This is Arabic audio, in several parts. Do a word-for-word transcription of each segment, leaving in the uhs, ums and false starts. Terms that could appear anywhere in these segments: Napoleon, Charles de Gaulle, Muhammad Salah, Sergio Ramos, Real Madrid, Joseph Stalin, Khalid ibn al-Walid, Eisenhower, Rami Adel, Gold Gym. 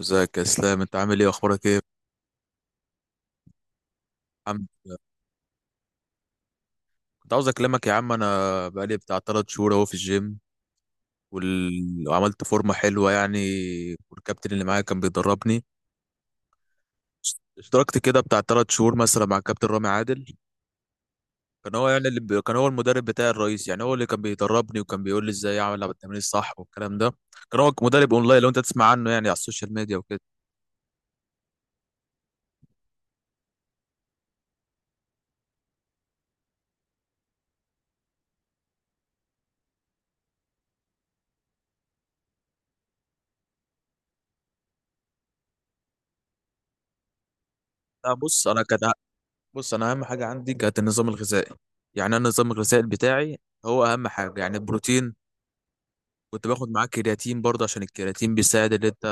ازيك يا اسلام، انت عامل ايه؟ اخبارك ايه يا عم- كنت عاوز اكلمك يا عم، انا بقالي بتاع تلات شهور اهو في الجيم وال... وعملت فورمه حلوه يعني. والكابتن اللي معايا كان بيدربني. اشتركت كده بتاع ثلاث شهور مثلا مع الكابتن رامي عادل. كان هو يعني اللي بي... كان هو المدرب بتاعي الرئيسي، يعني هو اللي كان بيدربني وكان بيقول لي ازاي اعمل التمرين الصح والكلام ده. كان هو مدرب اونلاين، لو انت تسمع عنه يعني على السوشيال ميديا وكده. لا بص انا كان ع- بص انا اهم حاجه عندي كانت النظام الغذائي، يعني انا النظام الغذائي بتاعي هو اهم حاجه، يعني البروتين. كنت باخد معاك كرياتين برضه عشان الكرياتين بيساعد ان انت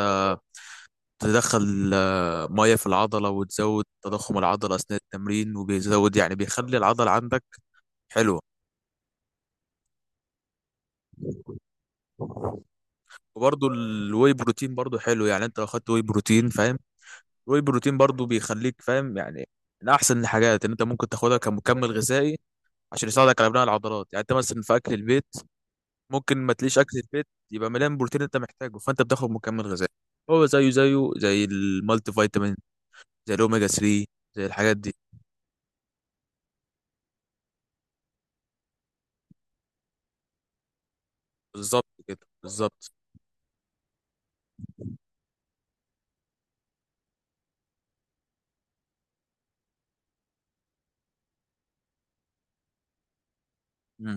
تدخل آه، ميه في العضله وتزود تضخم العضله اثناء التمرين، وبيزود يعني بيخلي العضله عندك حلوه. وبرضه الواي بروتين برضه حلو، يعني انت لو خدت واي بروتين فاهم، الواي بروتين برضه بيخليك فاهم يعني، من احسن الحاجات ان انت ممكن تاخدها كمكمل غذائي عشان يساعدك على بناء العضلات. يعني انت مثلا في اكل البيت ممكن ما تليش اكل البيت يبقى مليان بروتين انت محتاجه، فانت بتاخد مكمل غذائي. هو زيه زيه زي المالتي فيتامين، زي الأوميجا تري، زي الحاجات دي. بالظبط كده. بالظبط. مم.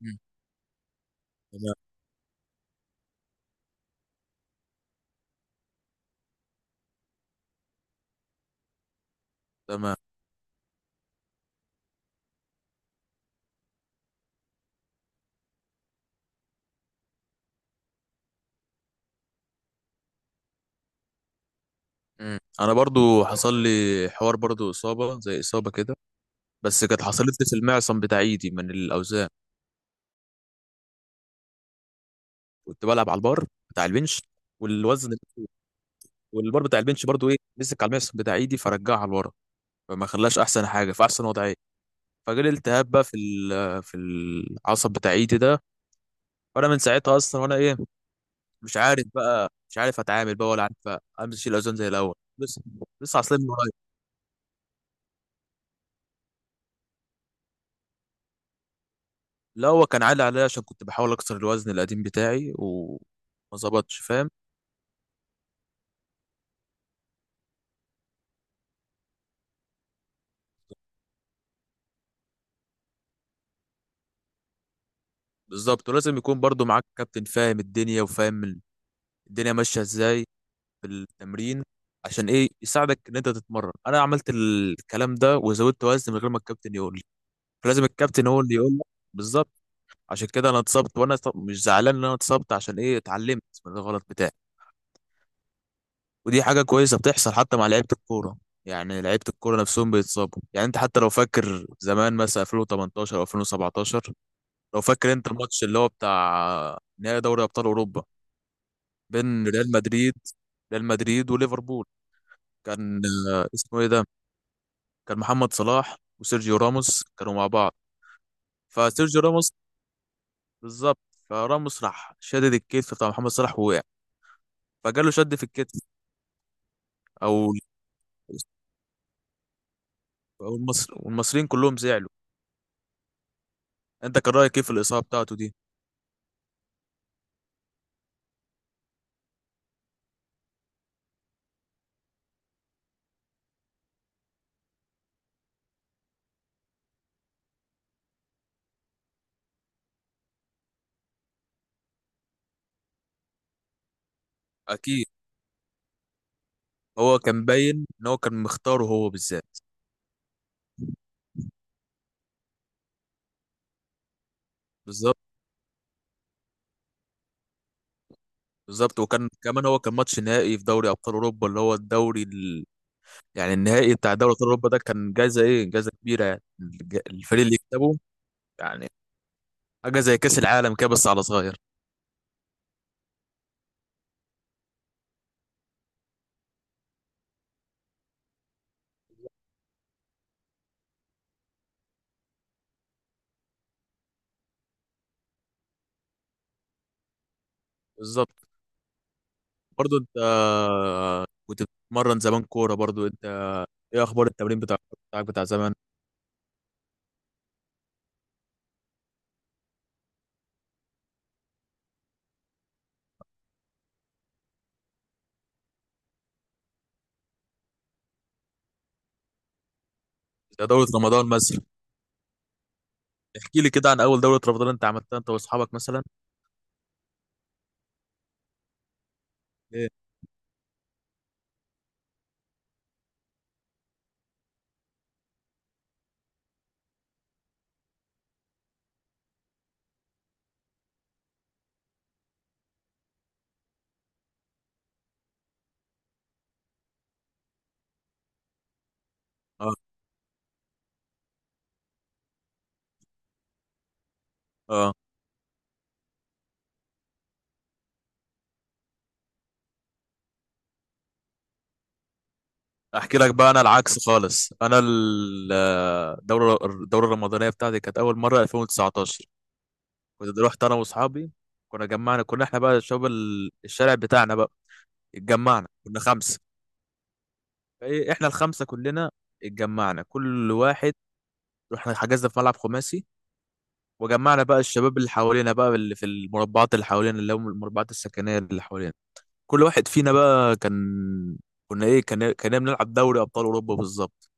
مم. تمام. تمام. مم. أنا برضو حصل لي حوار، برضو إصابة زي إصابة كده، بس كانت حصلت لي في المعصم بتاع إيدي من الأوزان. كنت بلعب على البار بتاع البنش والوزن، والبار بتاع البنش برضو إيه مسك على المعصم بتاع إيدي فرجعها لورا، فما خلاش أحسن حاجة في أحسن وضعية. فجالي التهاب بقى في ال- في العصب بتاع إيدي ده. وأنا من ساعتها أصلا، وأنا إيه مش عارف بقى، مش عارف اتعامل بقى ولا عارف امشي الاوزان زي الاول لسه. لسه عصلين من قريب. لا هو كان عالي عليا عشان كنت بحاول اكسر الوزن القديم بتاعي وما ظبطش فاهم. بالظبط، ولازم يكون برضو معاك كابتن فاهم الدنيا وفاهم ال- الدنيا ماشيه ازاي في التمرين، عشان ايه يساعدك ان انت تتمرن. انا عملت الكلام ده وزودت وزن من غير ما الكابتن يقول لي، فلازم الكابتن هو اللي يقول لك. بالظبط. عشان كده انا اتصبت، وانا اتص- مش زعلان ان انا اتصبت، عشان ايه اتعلمت من الغلط بتاعي. ودي حاجة كويسة بتحصل حتى مع لعيبة الكورة، يعني لعيبة الكورة نفسهم بيتصابوا. يعني انت حتى لو فاكر زمان مثلا ألفين وتمنتاشر او ألفين وسبعتاشر، لو فاكر انت الماتش اللي هو بتاع نهائي دوري ابطال اوروبا بين ريال مدريد ريال مدريد وليفربول. كان آه، اسمه ايه ده، كان محمد صلاح وسيرجيو راموس كانوا مع بعض. فسيرجيو راموس، بالظبط. فراموس راح شدد الكتف بتاع محمد صلاح ووقع، فجاله شد في الكتف. او أو المصر والمصريين كلهم زعلوا. انت كان رايك ايه في الاصابه بتاعته دي؟ اكيد هو كان باين ان هو كان مختاره هو بالذات. بالظبط. بالظبط، وكان كمان هو كان ماتش نهائي في دوري ابطال اوروبا، اللي هو الدوري ال... يعني النهائي بتاع دوري ابطال اوروبا ده كان جايزه ايه، جايزه كبيره، يعني الج- الفريق اللي يكسبه، يعني حاجه زي كاس العالم كده بس على صغير. بالظبط. برضو انت كنت بتتمرن زمان كوره؟ برضو انت ايه اخبار التمرين بتاع بتاعك بتاع زمان؟ ده دوره رمضان مثلا. احكي لي كده عن اول دوره رمضان انت عملتها انت واصحابك مثلا. ايه. اه. اه. احكي لك بقى انا العكس خالص، انا ال- الدوره الدوره الرمضانيه بتاعتي كانت اول مره ألفين وتسعة عشر. كنت رحت انا واصحابي، كنا جمعنا، كنا احنا بقى شباب ال- الشارع بتاعنا بقى، اتجمعنا كنا خمسه. فايه احنا الخمسه كلنا اتجمعنا، كل واحد رحنا حجزنا في ملعب خماسي. وجمعنا بقى الشباب اللي حوالينا بقى، اللي في المربعات اللي حوالينا، اللي هم المربعات السكنيه اللي حوالينا. كل واحد فينا بقى كان، كنا ايه كان كنا بنلعب دوري ابطال اوروبا بالظبط.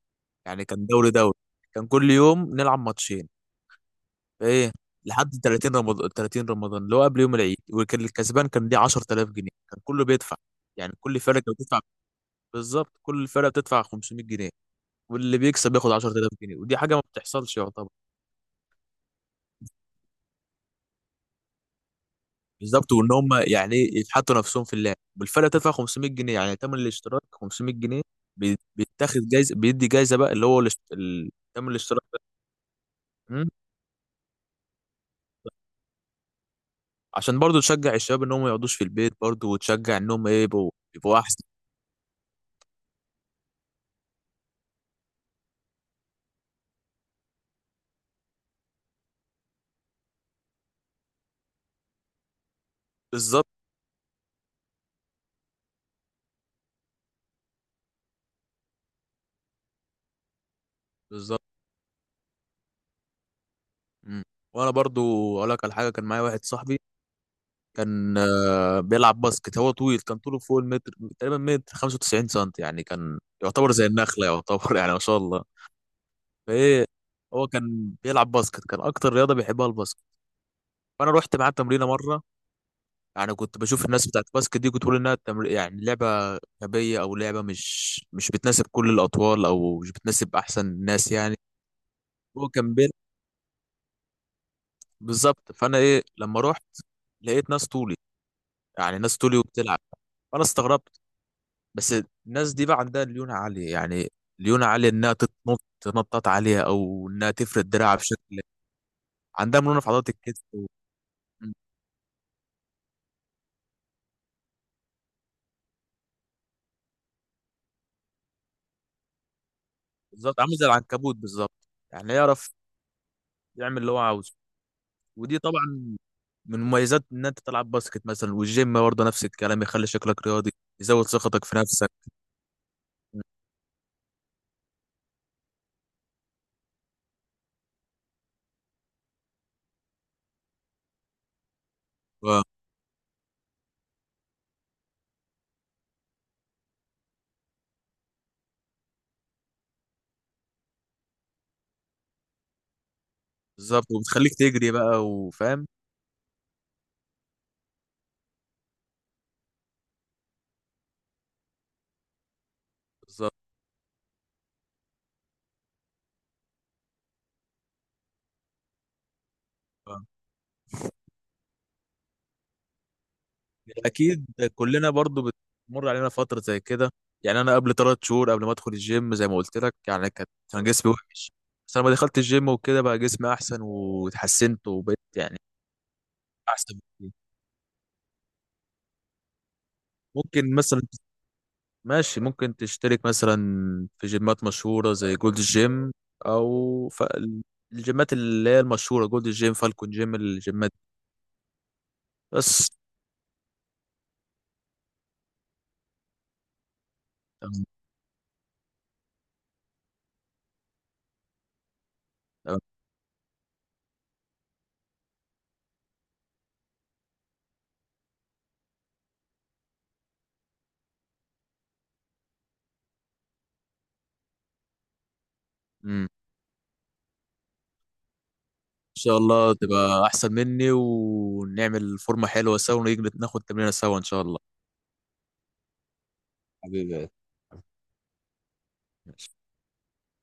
يعني كان دوري دوري، كان كل يوم نلعب ماتشين. ايه. لحد تلاتين رمضان، تلاتين رمضان اللي هو قبل يوم العيد، وكان الكسبان كان ليه عشر تلاف جنيه، كان كله بيدفع يعني. كل فرقه بتدفع، بالظبط كل فرقه بتدفع خمسمية جنيه، واللي بيكسب بياخد عشرة آلاف جنيه، ودي حاجه ما بتحصلش يعتبر. بالظبط، وان هم يعني إيه يتحطوا نفسهم في اللعب، والفرقه بتدفع خمسمية جنيه، يعني تمن الاشتراك خمسمائة جنيه، بي- بيتاخد جايزه بيدي جايزه بقى، اللي هو الاش- ال- تمن الاشتراك ده، عشان برضو تشجع الشباب انهم ما يقعدوش في البيت، برضو وتشجع انهم ايه يبقوا يبقوا احسن. بالظبط. بالظبط. مم. وانا برضو اقول لك على حاجه، كان معايا واحد صاحبي كان آه، بيلعب باسكت. هو طويل كان طوله فوق المتر، تقريبا متر خمسة وتسعين سم، يعني كان يعتبر زي النخله يعتبر يعني ما شاء الله. فايه هو كان بيلعب باسكت، كان اكتر رياضه بيحبها الباسكت. فانا رحت معاه تمرينه مره. يعني كنت بشوف الناس بتاعت الباسكت دي، كنت بقول انها تمر... يعني لعبه غبيه، او لعبه مش مش بتناسب كل الاطوال، او مش بتناسب احسن الناس يعني. هو كان بين، بالظبط. فانا ايه لما رحت لقيت ناس طولي، يعني ناس طولي وبتلعب. فانا استغربت، بس الناس دي بقى عندها ليونه عاليه، يعني ليونه عاليه انها تتنط، تنطط عاليه او انها تفرد دراعها بشكل، عندها مرونه في عضلات الكتف. مم. بالظبط عامل زي العنكبوت بالظبط، يعني يعرف يعمل اللي هو عاوزه. ودي طبعا من مميزات ان انت تلعب باسكت مثلا. والجيم برضه نفس الكلام، يخلي شكلك رياضي، يزود ثقتك في نفسك. مم. بالظبط وبتخليك تجري بقى وفاهم. بالظبط. اكيد كلنا برضو بتمر علينا فتره زي كده. يعني انا قبل ثلاث شهور قبل ما ادخل الجيم، زي ما قلت لك، يعني كانت كان جسمي وحش. بس لما دخلت الجيم وكده بقى جسمي احسن، واتحسنت وبقيت يعني احسن بكتير. ممكن مثلا، ماشي ممكن تشترك مثلا في جيمات مشهوره زي جولد جيم، او ف... الجيمات اللي هي المشهوره جولد جيم، فالكون جيم، الجيمات دي. بس، تمام. تمام. شاء الله تبقى احسن مني، ونعمل فورمة حلوة سوا، ونيجي ناخد تمرينة سوا ان شاء الله. حبيبي.